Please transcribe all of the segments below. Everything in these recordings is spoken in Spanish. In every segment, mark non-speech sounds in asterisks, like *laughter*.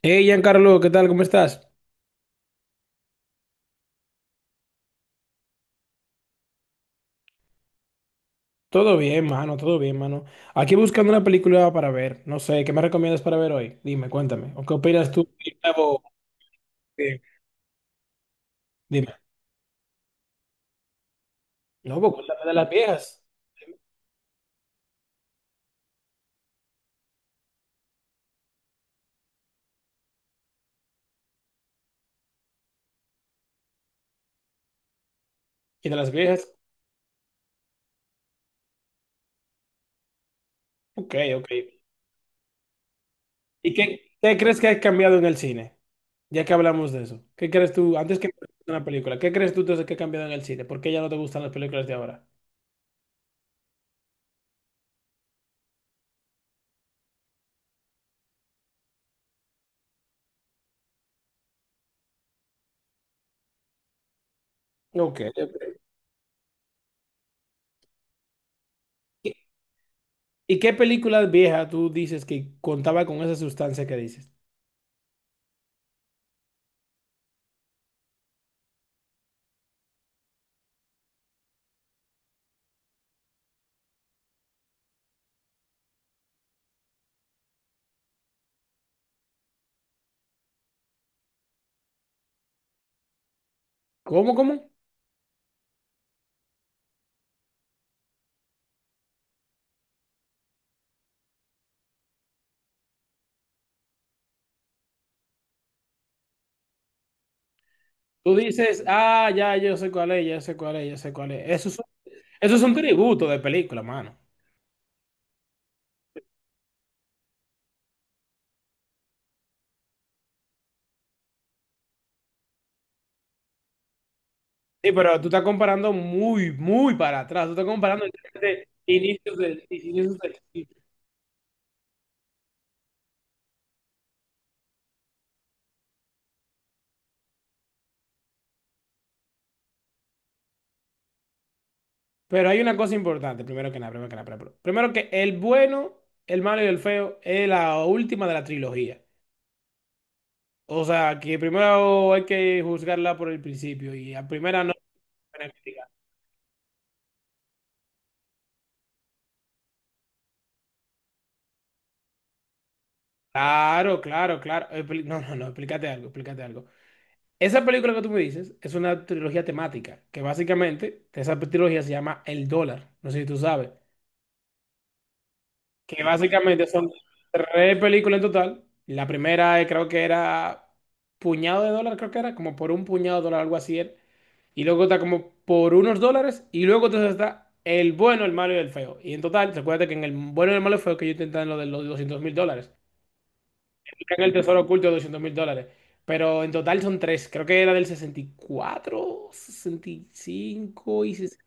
Hey, Giancarlo, ¿qué tal? ¿Cómo estás? Todo bien, mano, todo bien, mano. Aquí buscando una película para ver. No sé, ¿qué me recomiendas para ver hoy? Dime, cuéntame. ¿O qué opinas tú del nuevo? Eh, Dime. No, pues cuéntame de las viejas. ¿Y de las viejas? Ok, ok. ¿Y qué crees que ha cambiado en el cine? Ya que hablamos de eso. ¿Qué crees tú, antes que me cuentes una película, qué crees tú entonces que ha cambiado en el cine? ¿Por qué ya no te gustan las películas de ahora? Ok, ok. ¿Y qué película vieja tú dices que contaba con esa sustancia que dices? ¿Cómo, cómo? Tú dices, ah, ya, yo sé cuál es, ya sé cuál es, ya sé cuál es. Eso son, esos son tributo de película, mano. Sí, pero tú estás comparando muy, muy para atrás. Tú estás comparando de inicios del siglo. Pero hay una cosa importante, primero que nada, primero que nada. Primero que el bueno, el malo y el feo es la última de la trilogía. O sea, que primero hay que juzgarla por el principio y a primera no se puede criticar. Claro, claro, claro. Expli- No, no, no, explícate algo, explícate algo. Esa película que tú me dices es una trilogía temática, que básicamente esa trilogía se llama El Dólar, no sé si tú sabes, que básicamente son tres películas en total. La primera, creo que era puñado de dólar, creo que era, como por un puñado de dólar, algo así era. Y luego está como por unos dólares, y luego entonces está el bueno, el malo y el feo. Y en total, recuerda que en el bueno, el malo y el feo que yo intenté en lo de los $200,000. Creo que el tesoro oculto $200,000. Pero en total son tres. Creo que era del 64 sesenta y 66.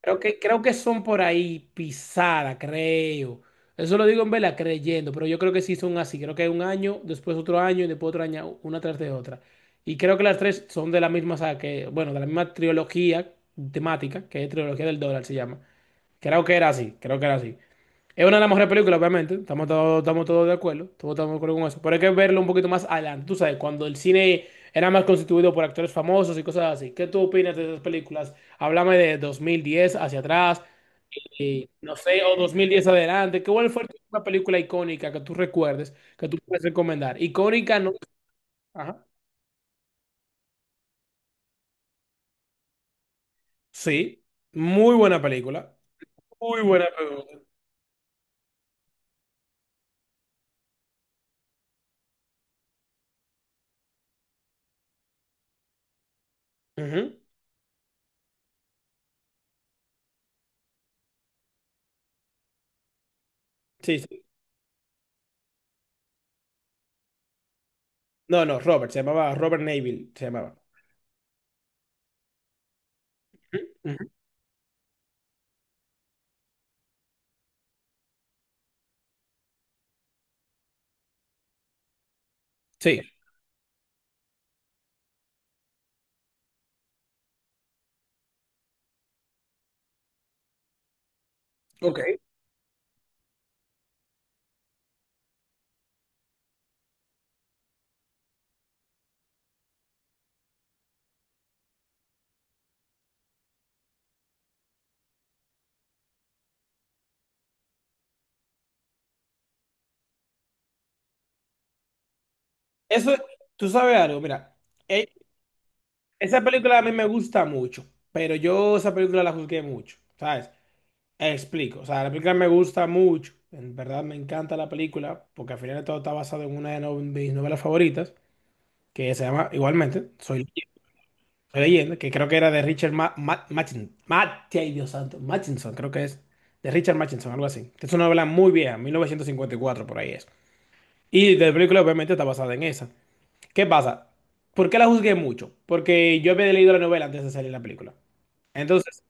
Creo que son por ahí pisada, creo. Eso lo digo en vela creyendo, pero yo creo que sí son así. Creo que un año, después otro año y después otro año, una tras de otra. Y creo que las tres son de la misma saga, que, bueno, de la misma trilogía temática, que es trilogía del dólar se llama. Creo que era así, creo que era así. Es una de las mejores películas, obviamente. Estamos todos de acuerdo. Todos estamos de acuerdo con eso. Pero hay que verlo un poquito más adelante. Tú sabes, cuando el cine era más constituido por actores famosos y cosas así. ¿Qué tú opinas de esas películas? Háblame de 2010 hacia atrás, y no sé, o 2010 adelante. ¿Qué cuál fue una película icónica que tú recuerdes, que tú puedes recomendar? Icónica, no. Ajá. Sí. Muy buena película. Muy buena película. Ujú. Sí, sí. No, no, Robert. Se llamaba Robert Neville. Se llamaba. Ujú, ujú. Sí. Ok. Eso, tú sabes algo, mira, eh, esa película a mí me gusta mucho, pero yo esa película la juzgué mucho, ¿sabes? Explico, o sea, la película me gusta mucho, en verdad me encanta la película, porque al final de todo está basado en una de no- mis novelas favoritas, que se llama igualmente, Soy, Leyenda, Soy Leyenda, que creo que era de Richard Ma Ma- Machin- Mate- ay, Dios santo, Machinson, creo que es, de Richard Machinson, algo así. Es una novela muy vieja, 1954 por ahí es. Y la película obviamente está basada en esa. ¿Qué pasa? ¿Por qué la juzgué mucho? Porque yo había leído la novela antes de salir la película. Entonces,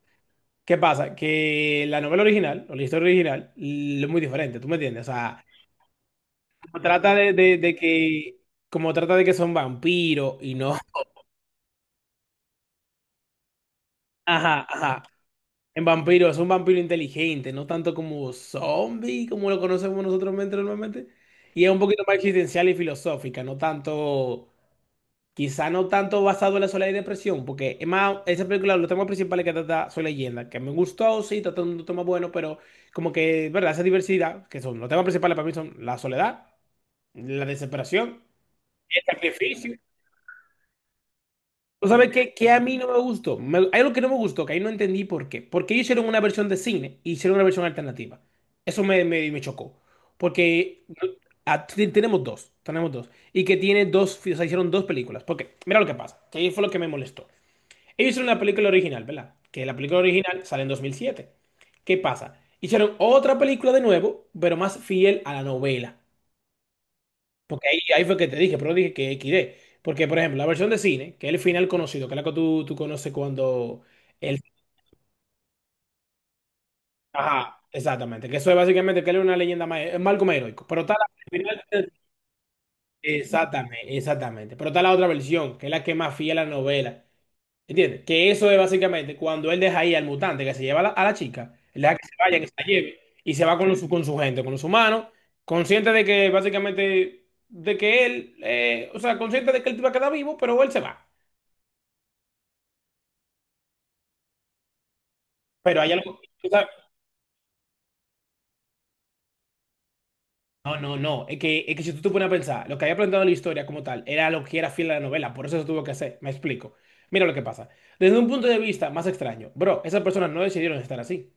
¿qué pasa? Que la novela original, o la historia original, l- es muy diferente, ¿tú me entiendes? O sea, como trata de que, como trata de que son vampiros y no, *laughs* ajá, ajá, en vampiro es un vampiro inteligente, no tanto como zombie, como lo conocemos nosotros mente- normalmente, y es un poquito más existencial y filosófica, no tanto. Quizá no tanto basado en la soledad y depresión, porque es más, esa película, los temas principales que trata son leyenda, que me gustó, sí, trata un tema bueno, pero como que, ¿verdad? Esa diversidad, que son los temas principales para mí son la soledad, la desesperación, el sacrificio. ¿Tú sabes qué? Que a mí no me gustó. Me- hay algo que no me gustó, que ahí no entendí por qué. Porque ellos hicieron una versión de cine y hicieron una versión alternativa. Eso me chocó. Porque no, ah, t- tenemos dos, tenemos dos. Y que tiene dos, o sea, hicieron dos películas. Porque, mira lo que pasa, que ahí fue lo que me molestó. Ellos hicieron la película original, ¿verdad? Que la película original sale en 2007. ¿Qué pasa? Hicieron otra película de nuevo, pero más fiel a la novela. Porque ahí, ahí fue que te dije, pero dije que XD. Porque, por ejemplo, la versión de cine, que es el final conocido, que es la que tú conoces cuando... El... Ajá, exactamente. Que eso es básicamente que él es una leyenda más... Es Malcolm heroico. Pero está la... Exactamente, exactamente. Pero está la otra versión, que es la que es más fiel a la novela. ¿Entiendes? Que eso es básicamente cuando él deja ahí al mutante que se lleva a la chica, él deja que se vaya, que se la lleve, y se va con su gente, con los humanos, consciente de que básicamente, de que él, o sea, consciente de que él va a quedar vivo, pero él se va. Pero hay algo, o sea, no, no, no, es que si tú te pones a pensar, lo que había planteado la historia como tal era lo que era fiel a la novela, por eso se tuvo que hacer, me explico. Mira lo que pasa. Desde un punto de vista más extraño, bro, esas personas no decidieron estar así.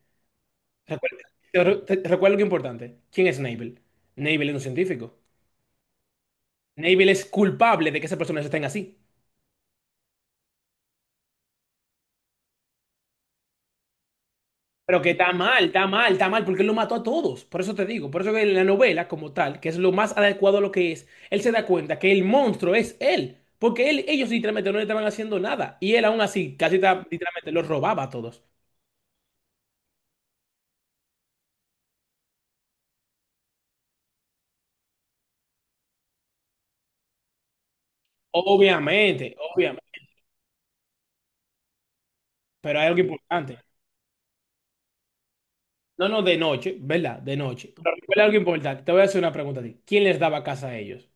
Recuerda, te re- te- recuerda algo importante. ¿Quién es Navel? Navel es un científico. Navel es culpable de que esas personas estén así. Pero que está mal, está mal, está mal, porque él lo mató a todos. Por eso te digo, por eso que en la novela como tal, que es lo más adecuado a lo que es, él se da cuenta que el monstruo es él. Porque él, ellos literalmente no le estaban haciendo nada. Y él aún así, casi ta- literalmente, los robaba a todos. Obviamente, obviamente. Pero hay algo importante. No, no, de noche, ¿verdad? De noche. Pero recuerda algo importante. Te voy a hacer una pregunta a ti. ¿Quién les daba casa a ellos?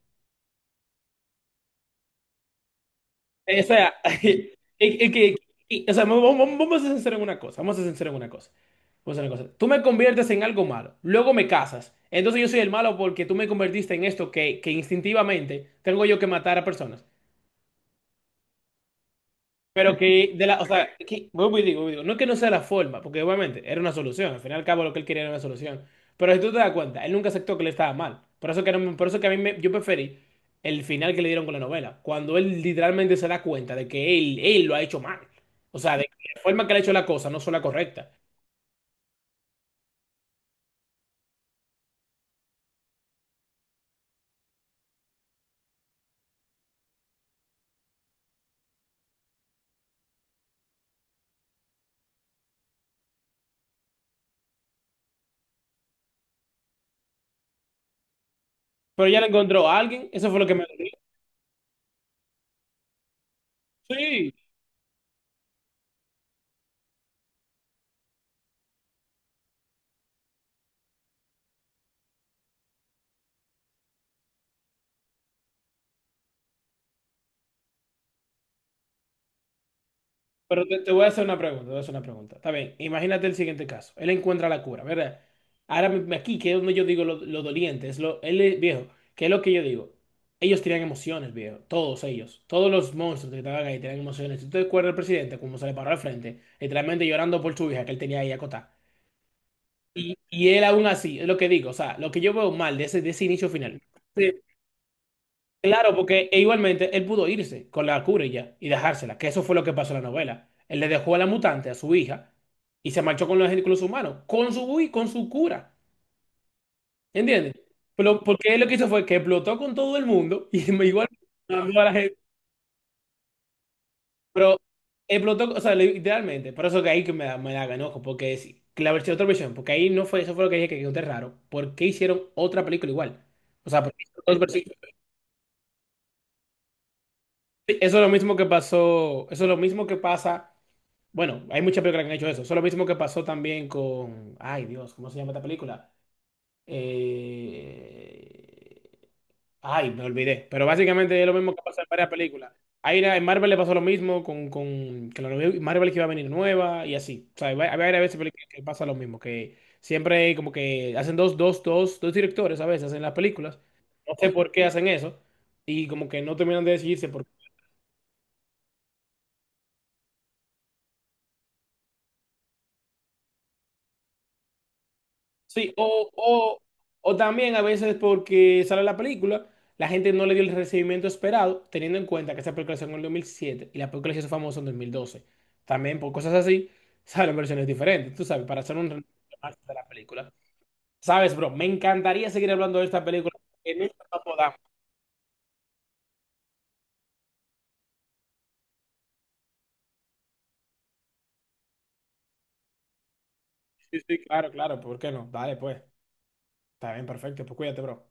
O sea, *laughs* eh, eh, que- que- o sea, vamos, vamos- vamos a ser sinceros en una cosa, vamos a ser sinceros en una cosa. Vamos a hacer una cosa. Tú me conviertes en algo malo, luego me casas. Entonces yo soy el malo porque tú me convertiste en esto que instintivamente tengo yo que matar a personas. Pero que, de la, o sea, que, vuelvo y digo, no es que no sea la forma, porque obviamente era una solución, al final y al cabo lo que él quería era una solución. Pero si tú te das cuenta, él nunca aceptó que le estaba mal. Por eso que, no me- por eso que a mí me- yo preferí el final que le dieron con la novela, cuando él literalmente se da cuenta de que él lo ha hecho mal. O sea, de que la forma que le ha hecho la cosa no fue la correcta. Pero ya le encontró a alguien, eso fue lo que me dolió. Sí, pero te voy a hacer una pregunta, te voy a hacer una pregunta. Está bien, imagínate el siguiente caso. Él encuentra la cura, ¿verdad? Ahora me- aquí, que es donde yo digo lo doliente, es lo, él es viejo, que es lo que yo digo. Ellos tenían emociones, viejo, todos ellos, todos los monstruos que estaban ahí tenían emociones. Si tú te acuerdas del presidente, como se le paró al frente, literalmente llorando por su hija que él tenía ahí acotada. Y él aún así, es lo que digo, o sea, lo que yo veo mal de ese inicio final. Claro, porque e igualmente él pudo irse con la cura y ya y dejársela, que eso fue lo que pasó en la novela. Él le dejó a la mutante, a su hija, y se marchó con los humanos, con su, y con su cura. ¿Entiendes? Pero, porque él lo que hizo fue que explotó con todo el mundo *laughs* y igual mandó a la gente. Pero explotó, o sea, literalmente. Por eso que ahí que me da enojo, porque es la versión, otra versión, porque ahí no fue, eso fue lo que dije que quedó raro. ¿Por qué hicieron otra película igual? O sea, ¿por qué hicieron dos versiones? Sí, eso es lo mismo que pasó, eso es lo mismo que pasa. Bueno, hay muchas películas que han hecho eso. Eso es lo mismo que pasó también con. Ay, Dios, ¿cómo se llama esta película? Eh, Ay, me olvidé. Pero básicamente es lo mismo que pasa en varias películas. Hay una- en Marvel le pasó lo mismo con que la nueva- Marvel que iba a venir nueva y así. O sea, hay va- hay varias veces películas que pasa lo mismo. Que siempre como que hacen dos directores a veces en las películas. No sé por qué hacen eso. Y como que no terminan de decidirse. Sí, o también a veces porque sale la película, la gente no le dio el recibimiento esperado, teniendo en cuenta que esa película salió en el 2007 y la película se hizo famosa en 2012. También por cosas así, salen versiones diferentes, tú sabes, para hacer un resumen de la película. Sabes, bro, me encantaría seguir hablando de esta película, que nunca la podamos. Sí, sí, claro, claro, ¿por qué no? Dale, pues. Está bien, perfecto, pues cuídate, bro.